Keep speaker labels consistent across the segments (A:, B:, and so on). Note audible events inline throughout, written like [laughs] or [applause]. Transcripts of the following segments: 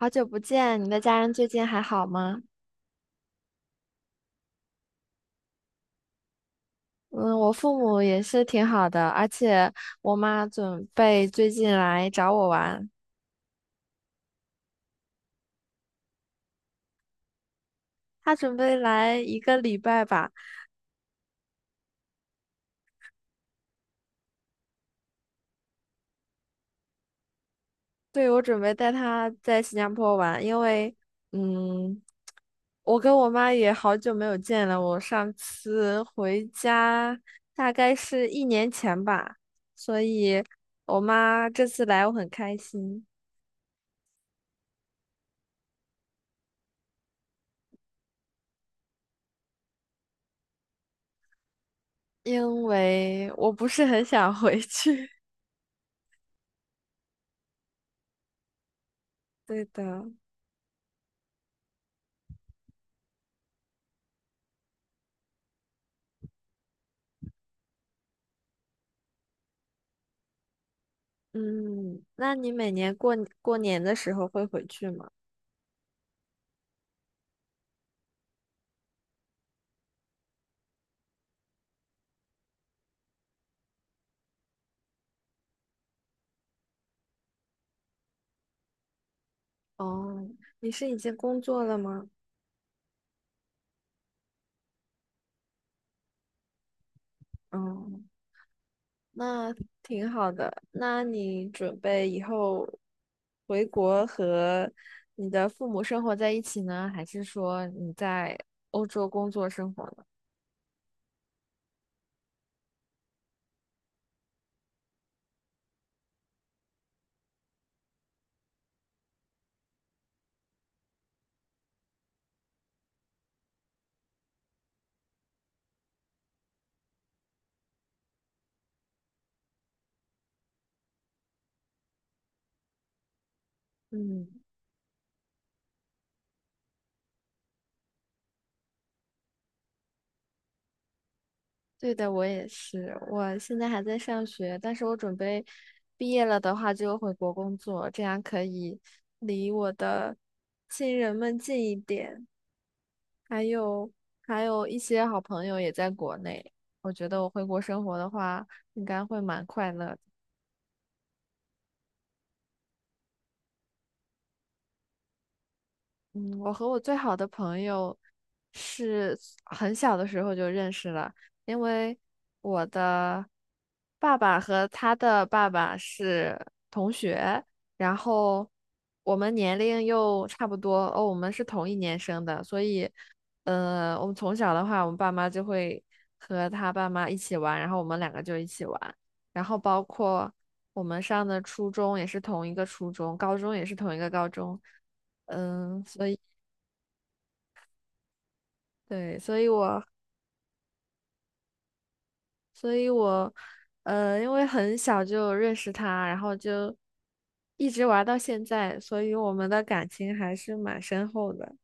A: 好久不见，你的家人最近还好吗？嗯，我父母也是挺好的，而且我妈准备最近来找我玩，她准备来一个礼拜吧。对，我准备带她在新加坡玩，因为嗯，我跟我妈也好久没有见了，我上次回家大概是一年前吧，所以我妈这次来我很开心，因为我不是很想回去。[laughs] 对的。嗯，那你每年过年的时候会回去吗？哦，你是已经工作了吗？哦，那挺好的。那你准备以后回国和你的父母生活在一起呢，还是说你在欧洲工作生活呢？嗯。对的，我也是。我现在还在上学，但是我准备毕业了的话就回国工作，这样可以离我的亲人们近一点。还有还有一些好朋友也在国内，我觉得我回国生活的话，应该会蛮快乐的。嗯，我和我最好的朋友是很小的时候就认识了，因为我的爸爸和他的爸爸是同学，然后我们年龄又差不多，哦，我们是同一年生的，所以，我们从小的话，我们爸妈就会和他爸妈一起玩，然后我们两个就一起玩，然后包括我们上的初中也是同一个初中，高中也是同一个高中。嗯，所以对，所以我因为很小就认识他，然后就一直玩到现在，所以我们的感情还是蛮深厚的。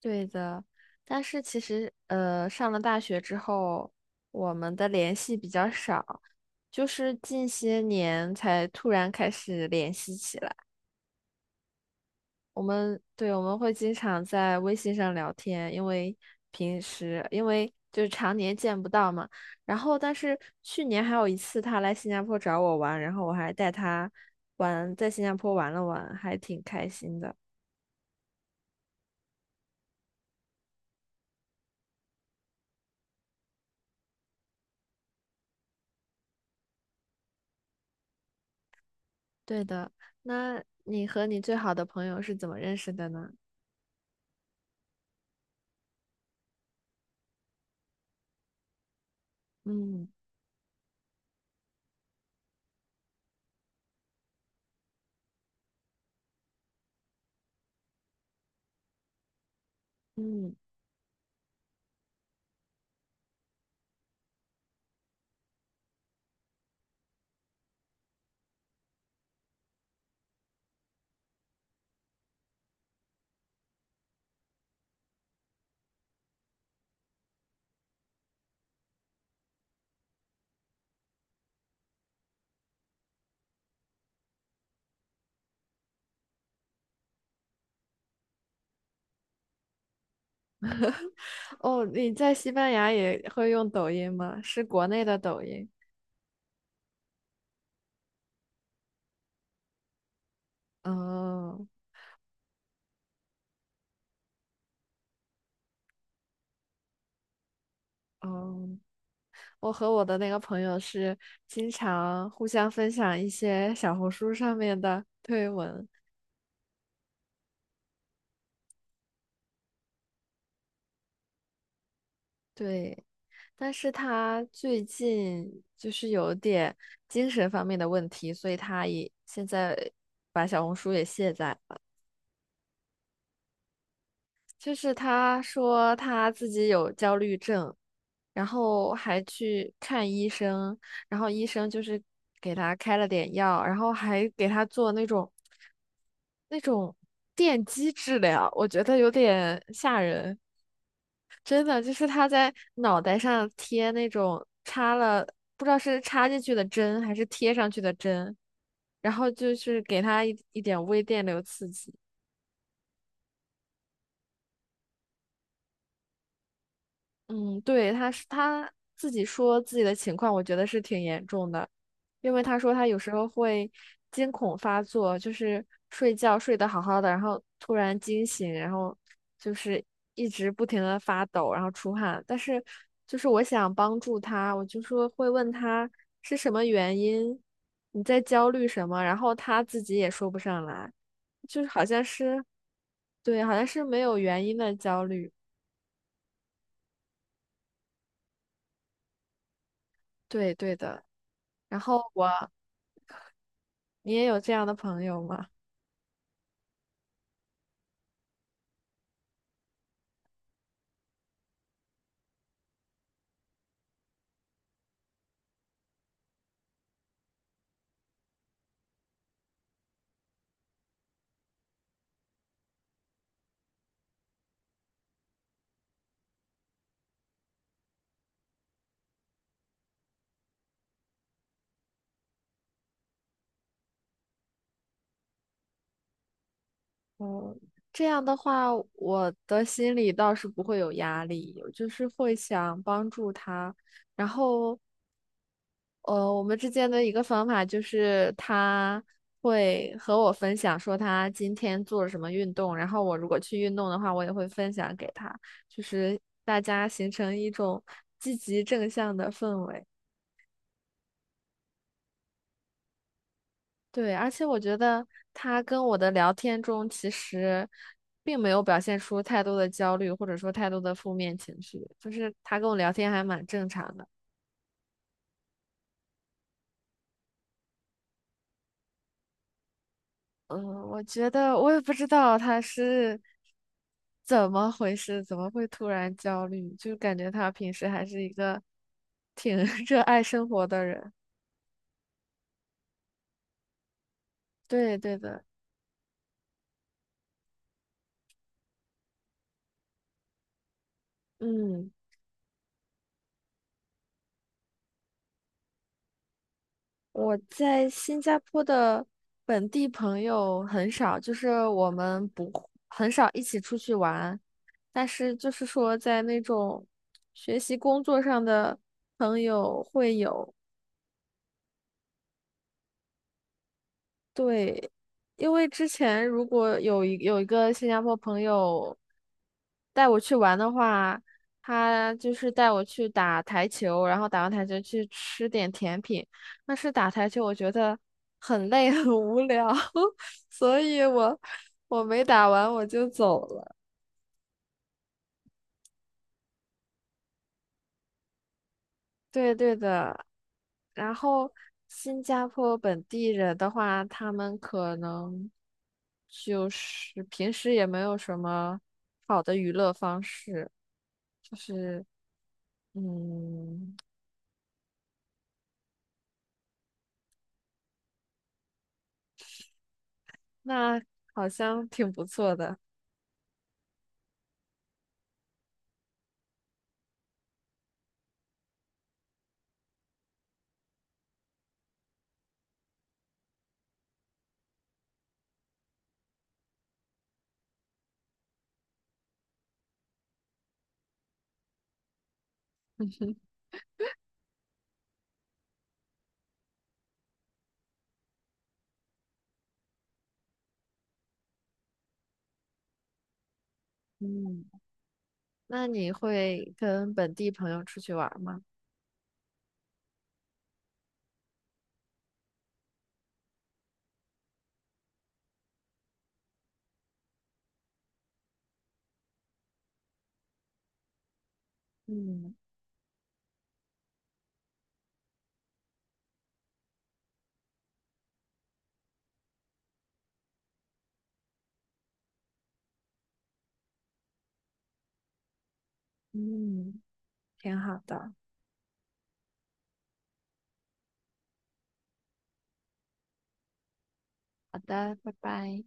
A: 对的，但是其实，上了大学之后，我们的联系比较少，就是近些年才突然开始联系起来。我们会经常在微信上聊天，因为平时就是常年见不到嘛。然后，但是去年还有一次他来新加坡找我玩，然后我还带他玩，在新加坡玩了玩，还挺开心的。对的，那你和你最好的朋友是怎么认识的呢？嗯嗯，哦，你在西班牙也会用抖音吗？是国内的抖音？哦哦，我和我的那个朋友是经常互相分享一些小红书上面的推文，对，但是他最近就是有点精神方面的问题，所以他也现在把小红书也卸载了。就是他说他自己有焦虑症，然后还去看医生，然后医生就是给他开了点药，然后还给他做那种电击治疗，我觉得有点吓人。真的，就是他在脑袋上贴那种插了，不知道是插进去的针还是贴上去的针，然后就是给他一点微电流刺激。嗯，对，他自己说自己的情况，我觉得是挺严重的，因为他说他有时候会惊恐发作，就是睡觉睡得好好的，然后突然惊醒，然后就是一直不停的发抖，然后出汗。但是就是我想帮助他，我就说会问他是什么原因，你在焦虑什么，然后他自己也说不上来，就是好像是，对，好像是没有原因的焦虑。对，对的。然后我，你也有这样的朋友吗？嗯，这样的话，我的心里倒是不会有压力，我就是会想帮助他。然后，我们之间的一个方法就是他会和我分享说他今天做了什么运动，然后我如果去运动的话，我也会分享给他，就是大家形成一种积极正向的氛围。对，而且我觉得他跟我的聊天中其实并没有表现出太多的焦虑，或者说太多的负面情绪，就是他跟我聊天还蛮正常的。嗯，我觉得我也不知道他是怎么回事，怎么会突然焦虑，就感觉他平时还是一个挺 [laughs] 热爱生活的人。对，对的，嗯。我在新加坡的本地朋友很少，就是我们不很少一起出去玩，但是就是说在那种学习工作上的朋友会有，对，因为之前如果有一个新加坡朋友带我去玩的话，他就是带我去打台球，然后打完台球去吃点甜品。但是打台球我觉得很累很无聊，[laughs] 所以我没打完我就走了。对对的。然后新加坡本地人的话，他们可能就是平时也没有什么好的娱乐方式，就是嗯，那好像挺不错的。嗯，那你会跟本地朋友出去玩儿吗？嗯嗯，挺好的。好的，拜拜。